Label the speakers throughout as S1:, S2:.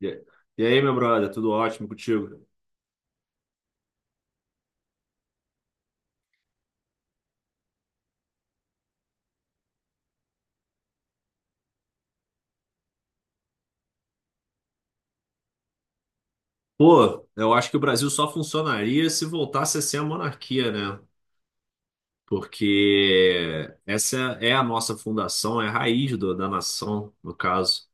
S1: E e aí, meu brother, tudo ótimo contigo? Pô, eu acho que o Brasil só funcionaria se voltasse a ser a monarquia, né? Porque essa é a nossa fundação, é a raiz da nação, no caso.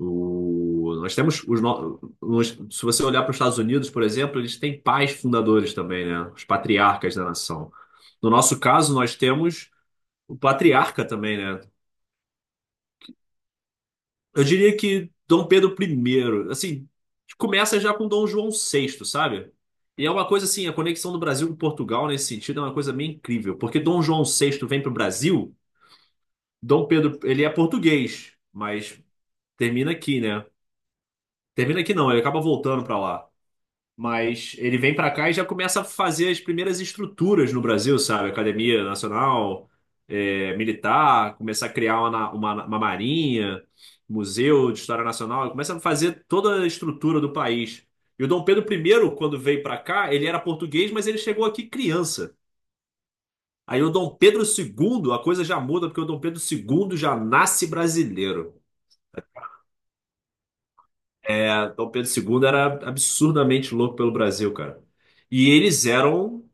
S1: O, nós temos os, no- nos- se você olhar para os Estados Unidos, por exemplo, eles têm pais fundadores também, né? Os patriarcas da nação. No nosso caso, nós temos o patriarca também, né? Eu diria que Dom Pedro I, assim, começa já com Dom João VI, sabe? E é uma coisa assim, a conexão do Brasil com Portugal nesse sentido é uma coisa meio incrível, porque Dom João VI vem para o Brasil, Dom Pedro, ele é português, mas termina aqui, né? Termina aqui não, ele acaba voltando para lá. Mas ele vem pra cá e já começa a fazer as primeiras estruturas no Brasil, sabe? Academia Nacional, Militar, começar a criar uma marinha, Museu de História Nacional, ele começa a fazer toda a estrutura do país. E o Dom Pedro I, quando veio pra cá, ele era português, mas ele chegou aqui criança. Aí o Dom Pedro II, a coisa já muda, porque o Dom Pedro II já nasce brasileiro. É, Dom Pedro II era absurdamente louco pelo Brasil, cara. E eles eram.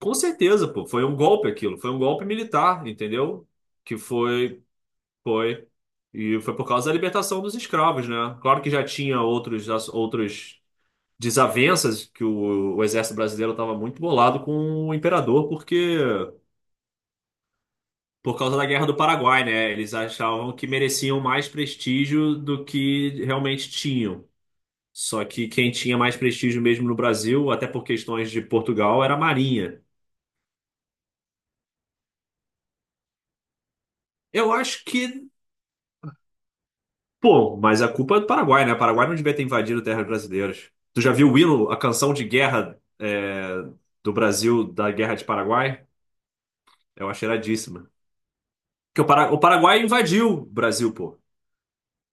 S1: Com certeza, pô, foi um golpe aquilo, foi um golpe militar, entendeu? Que foi, foi, e foi por causa da libertação dos escravos, né? Claro que já tinha outros desavenças que o exército brasileiro estava muito bolado com o imperador, porque por causa da Guerra do Paraguai, né? Eles achavam que mereciam mais prestígio do que realmente tinham. Só que quem tinha mais prestígio mesmo no Brasil, até por questões de Portugal, era a Marinha. Eu acho que Pô, mas a culpa é do Paraguai, né? O Paraguai não devia ter invadido terras brasileiras. Tu já viu o hino, a canção de guerra do Brasil, da Guerra de Paraguai? Eu acho iradíssima. Porque o Paraguai invadiu o Brasil, pô.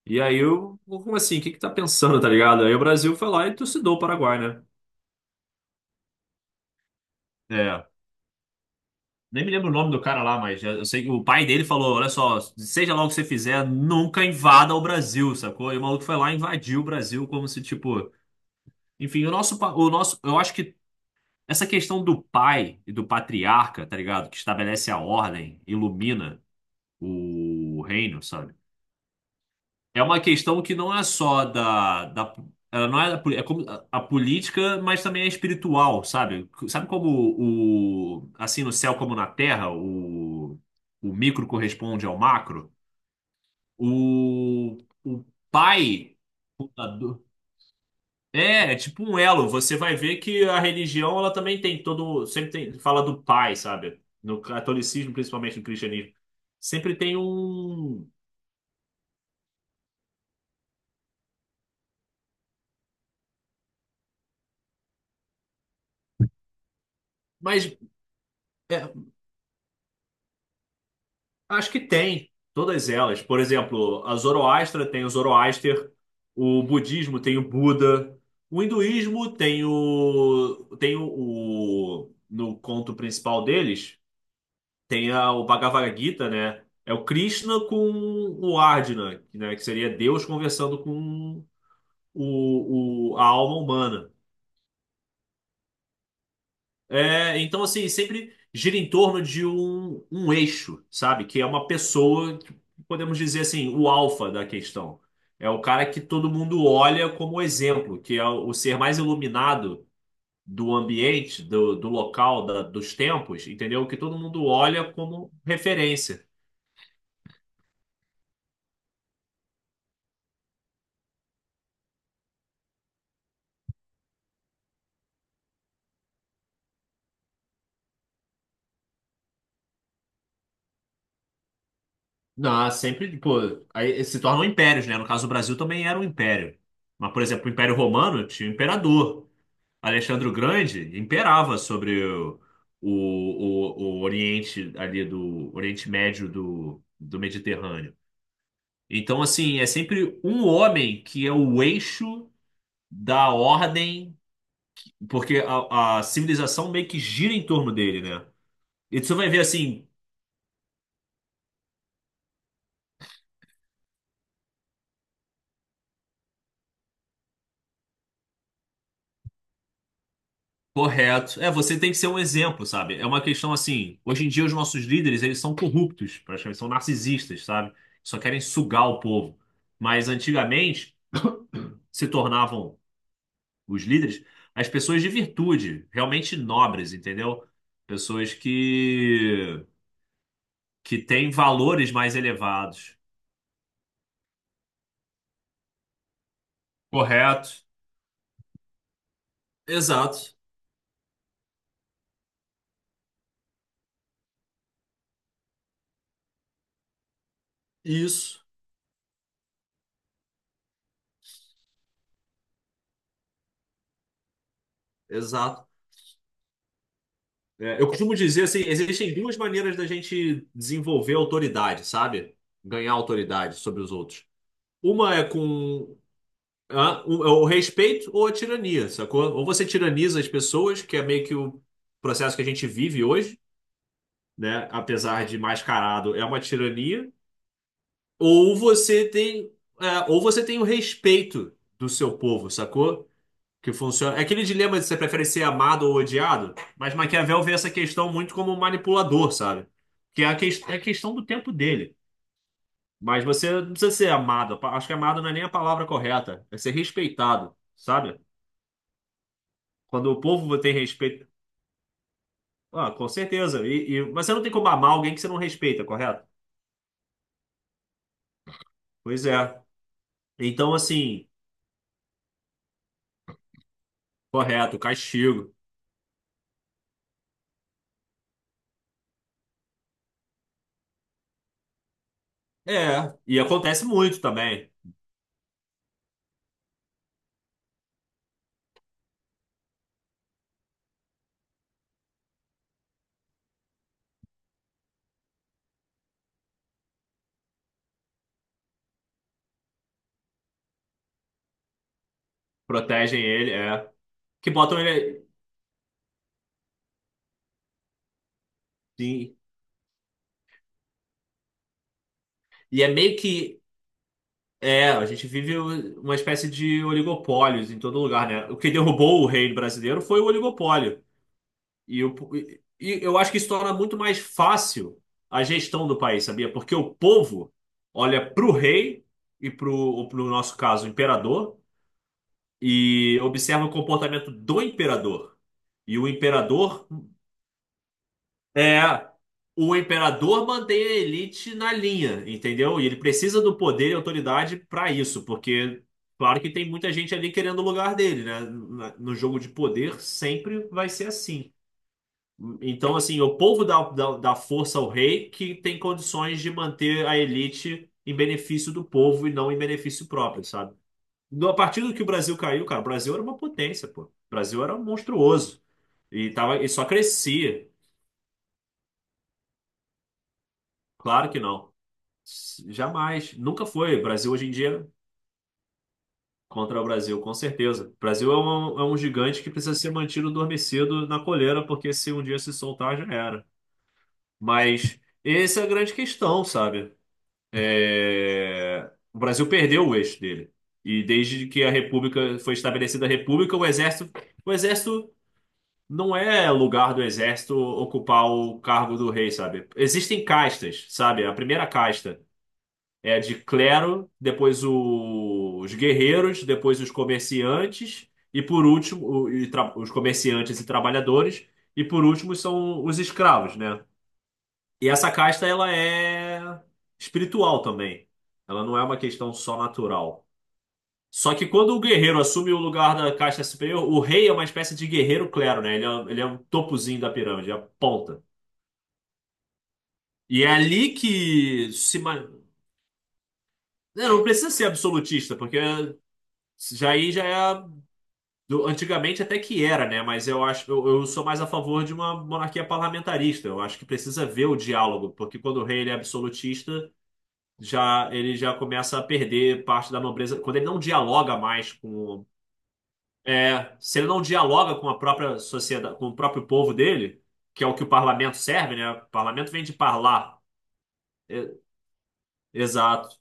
S1: E aí, eu, como assim? O que que tá pensando, tá ligado? Aí o Brasil foi lá e trucidou o Paraguai, né? É. Nem me lembro o nome do cara lá, mas eu sei que o pai dele falou: olha só, seja lá o que você fizer, nunca invada o Brasil, sacou? E o maluco foi lá e invadiu o Brasil como se, tipo. Enfim, o nosso, pa- o nosso, eu acho que Essa questão do pai e do patriarca, tá ligado? Que estabelece a ordem, ilumina o reino, sabe? É uma questão que não é só da, da ela não é, da, poli- é como a política, mas também é espiritual, sabe? Sabe como o, assim no céu como na terra, o micro corresponde ao macro? O, o pai. É, é tipo um elo. Você vai ver que a religião, ela também tem todo, sempre tem, fala do pai, sabe? No catolicismo, principalmente no cristianismo, sempre tem um, mas é, acho que tem todas elas. Por exemplo, a Zoroastra tem o Zoroaster, o budismo tem o Buda, o hinduísmo tem o no conto principal deles. Tem a, o Bhagavad Gita, né? É o Krishna com o Arjuna, né? Que seria Deus conversando com a alma humana. É, então, assim, sempre gira em torno de um eixo, sabe? Que é uma pessoa, que podemos dizer assim, o alfa da questão. É o cara que todo mundo olha como exemplo, que é o ser mais iluminado do ambiente, do local, dos tempos, entendeu? Que todo mundo olha como referência. Não, sempre, pô, aí se tornam impérios, né? No caso, o Brasil também era um império. Mas, por exemplo, o Império Romano tinha um imperador. Alexandre o Grande imperava sobre o, o Oriente ali do Oriente Médio do Mediterrâneo. Então, assim, é sempre um homem que é o eixo da ordem, porque a civilização meio que gira em torno dele, né? E você vai ver assim. Correto. É, você tem que ser um exemplo, sabe? É uma questão assim, hoje em dia os nossos líderes, eles são corruptos, praticamente, são narcisistas, sabe? Só querem sugar o povo. Mas antigamente se tornavam os líderes as pessoas de virtude, realmente nobres, entendeu? Pessoas que têm valores mais elevados. Correto. Exato. Isso. Exato. É, eu costumo dizer assim, existem duas maneiras da gente desenvolver autoridade, sabe? Ganhar autoridade sobre os outros. Uma é com o respeito ou a tirania, sacou? Ou você tiraniza as pessoas, que é meio que o processo que a gente vive hoje, né? Apesar de mascarado, é uma tirania. Ou você tem, ou você tem o respeito do seu povo, sacou? Que funciona. É aquele dilema de você prefere ser amado ou odiado, mas Maquiavel vê essa questão muito como um manipulador, sabe? Que é é a questão do tempo dele. Mas você não precisa ser amado. Acho que amado não é nem a palavra correta. É ser respeitado, sabe? Quando o povo tem respeito. Ah, com certeza. Mas você não tem como amar alguém que você não respeita, correto? Pois é. Então, assim, correto, castigo. É. E acontece muito também. Protegem ele, é. Que botam ele. Sim. E é meio que É, a gente vive uma espécie de oligopólios em todo lugar, né? O que derrubou o reino brasileiro foi o oligopólio. E, o, e e eu acho que isso torna muito mais fácil a gestão do país, sabia? Porque o povo olha pro rei e pro nosso caso, imperador, e observa o comportamento do imperador. E o imperador é, o imperador mantém a elite na linha, entendeu? E ele precisa do poder e autoridade para isso, porque, claro que tem muita gente ali querendo o lugar dele, né? No jogo de poder sempre vai ser assim. Então, assim, o povo dá força ao rei que tem condições de manter a elite em benefício do povo e não em benefício próprio, sabe? A partir do que o Brasil caiu, cara, o Brasil era uma potência, pô. O Brasil era monstruoso e só crescia. Claro que não. Jamais. Nunca foi. Brasil hoje em dia contra o Brasil, com certeza. Brasil é é um gigante que precisa ser mantido adormecido na coleira, porque se um dia se soltar, já era. Mas essa é a grande questão, sabe? É, o Brasil perdeu o eixo dele. E desde que a República foi estabelecida a República, o exército não é lugar do exército ocupar o cargo do rei, sabe? Existem castas, sabe? A primeira casta. É de clero, depois os guerreiros, depois os comerciantes, e por último, os comerciantes e trabalhadores, e por último são os escravos, né? E essa casta, ela é espiritual também. Ela não é uma questão só natural. Só que quando o guerreiro assume o lugar da casta superior, o rei é uma espécie de guerreiro clero, né? Ele é um topozinho da pirâmide, é a ponta. E é ali que se... ma-. Não precisa ser absolutista, porque já aí já é antigamente até que era, né? Mas eu acho, eu sou mais a favor de uma monarquia parlamentarista. Eu acho que precisa ver o diálogo, porque quando o rei ele é absolutista, já ele já começa a perder parte da nobreza. Quando ele não dialoga mais com, é, se ele não dialoga com a própria sociedade, com o próprio povo dele, que é o que o parlamento serve, né? O parlamento vem de parlar. É, exato,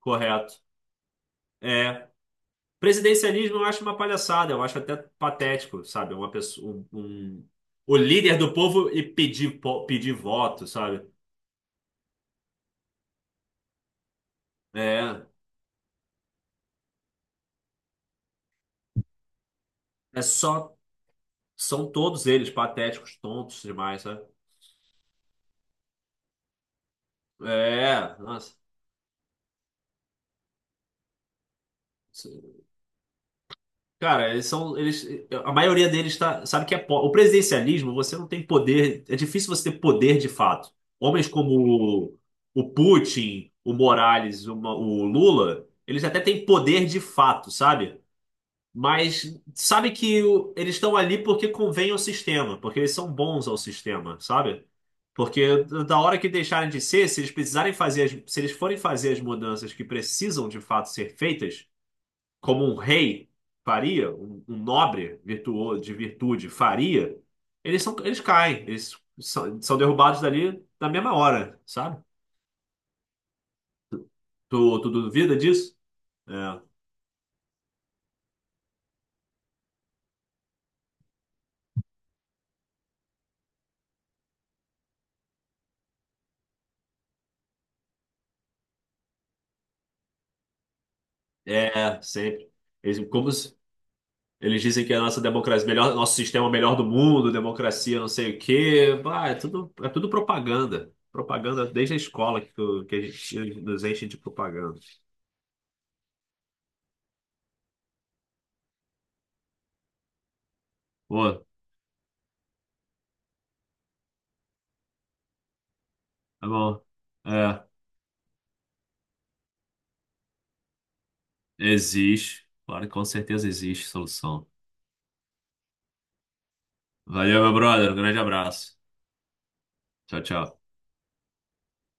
S1: correto. É, Presidencialismo eu acho uma palhaçada, eu acho até patético, sabe? Uma pessoa, o líder do povo e pedir, pedir voto, sabe? É, é só, são todos eles patéticos, tontos demais, sabe? É, nossa. Cara, eles são, eles, a maioria deles tá, sabe que é, o presidencialismo, você não tem poder, é difícil você ter poder de fato. Homens como o Putin, o Morales, o Lula, eles até têm poder de fato, sabe? Mas sabe que eles estão ali porque convém ao sistema, porque eles são bons ao sistema, sabe? Porque da hora que deixarem de ser, se eles precisarem fazer, se eles forem fazer as mudanças que precisam de fato ser feitas, como um rei faria, um nobre virtuoso de virtude faria, eles caem, são derrubados dali na mesma hora, sabe? Tu duvida disso? É, é sempre. Eles, como, Eles dizem que a nossa democracia, melhor, nosso sistema é o melhor do mundo, democracia, não sei o quê. Ah, é tudo propaganda. Propaganda desde a escola que a gente nos enche de propaganda. Pô, tá bom. É, existe. Claro que com certeza existe solução. Valeu, meu brother. Um grande abraço. Tchau, tchau.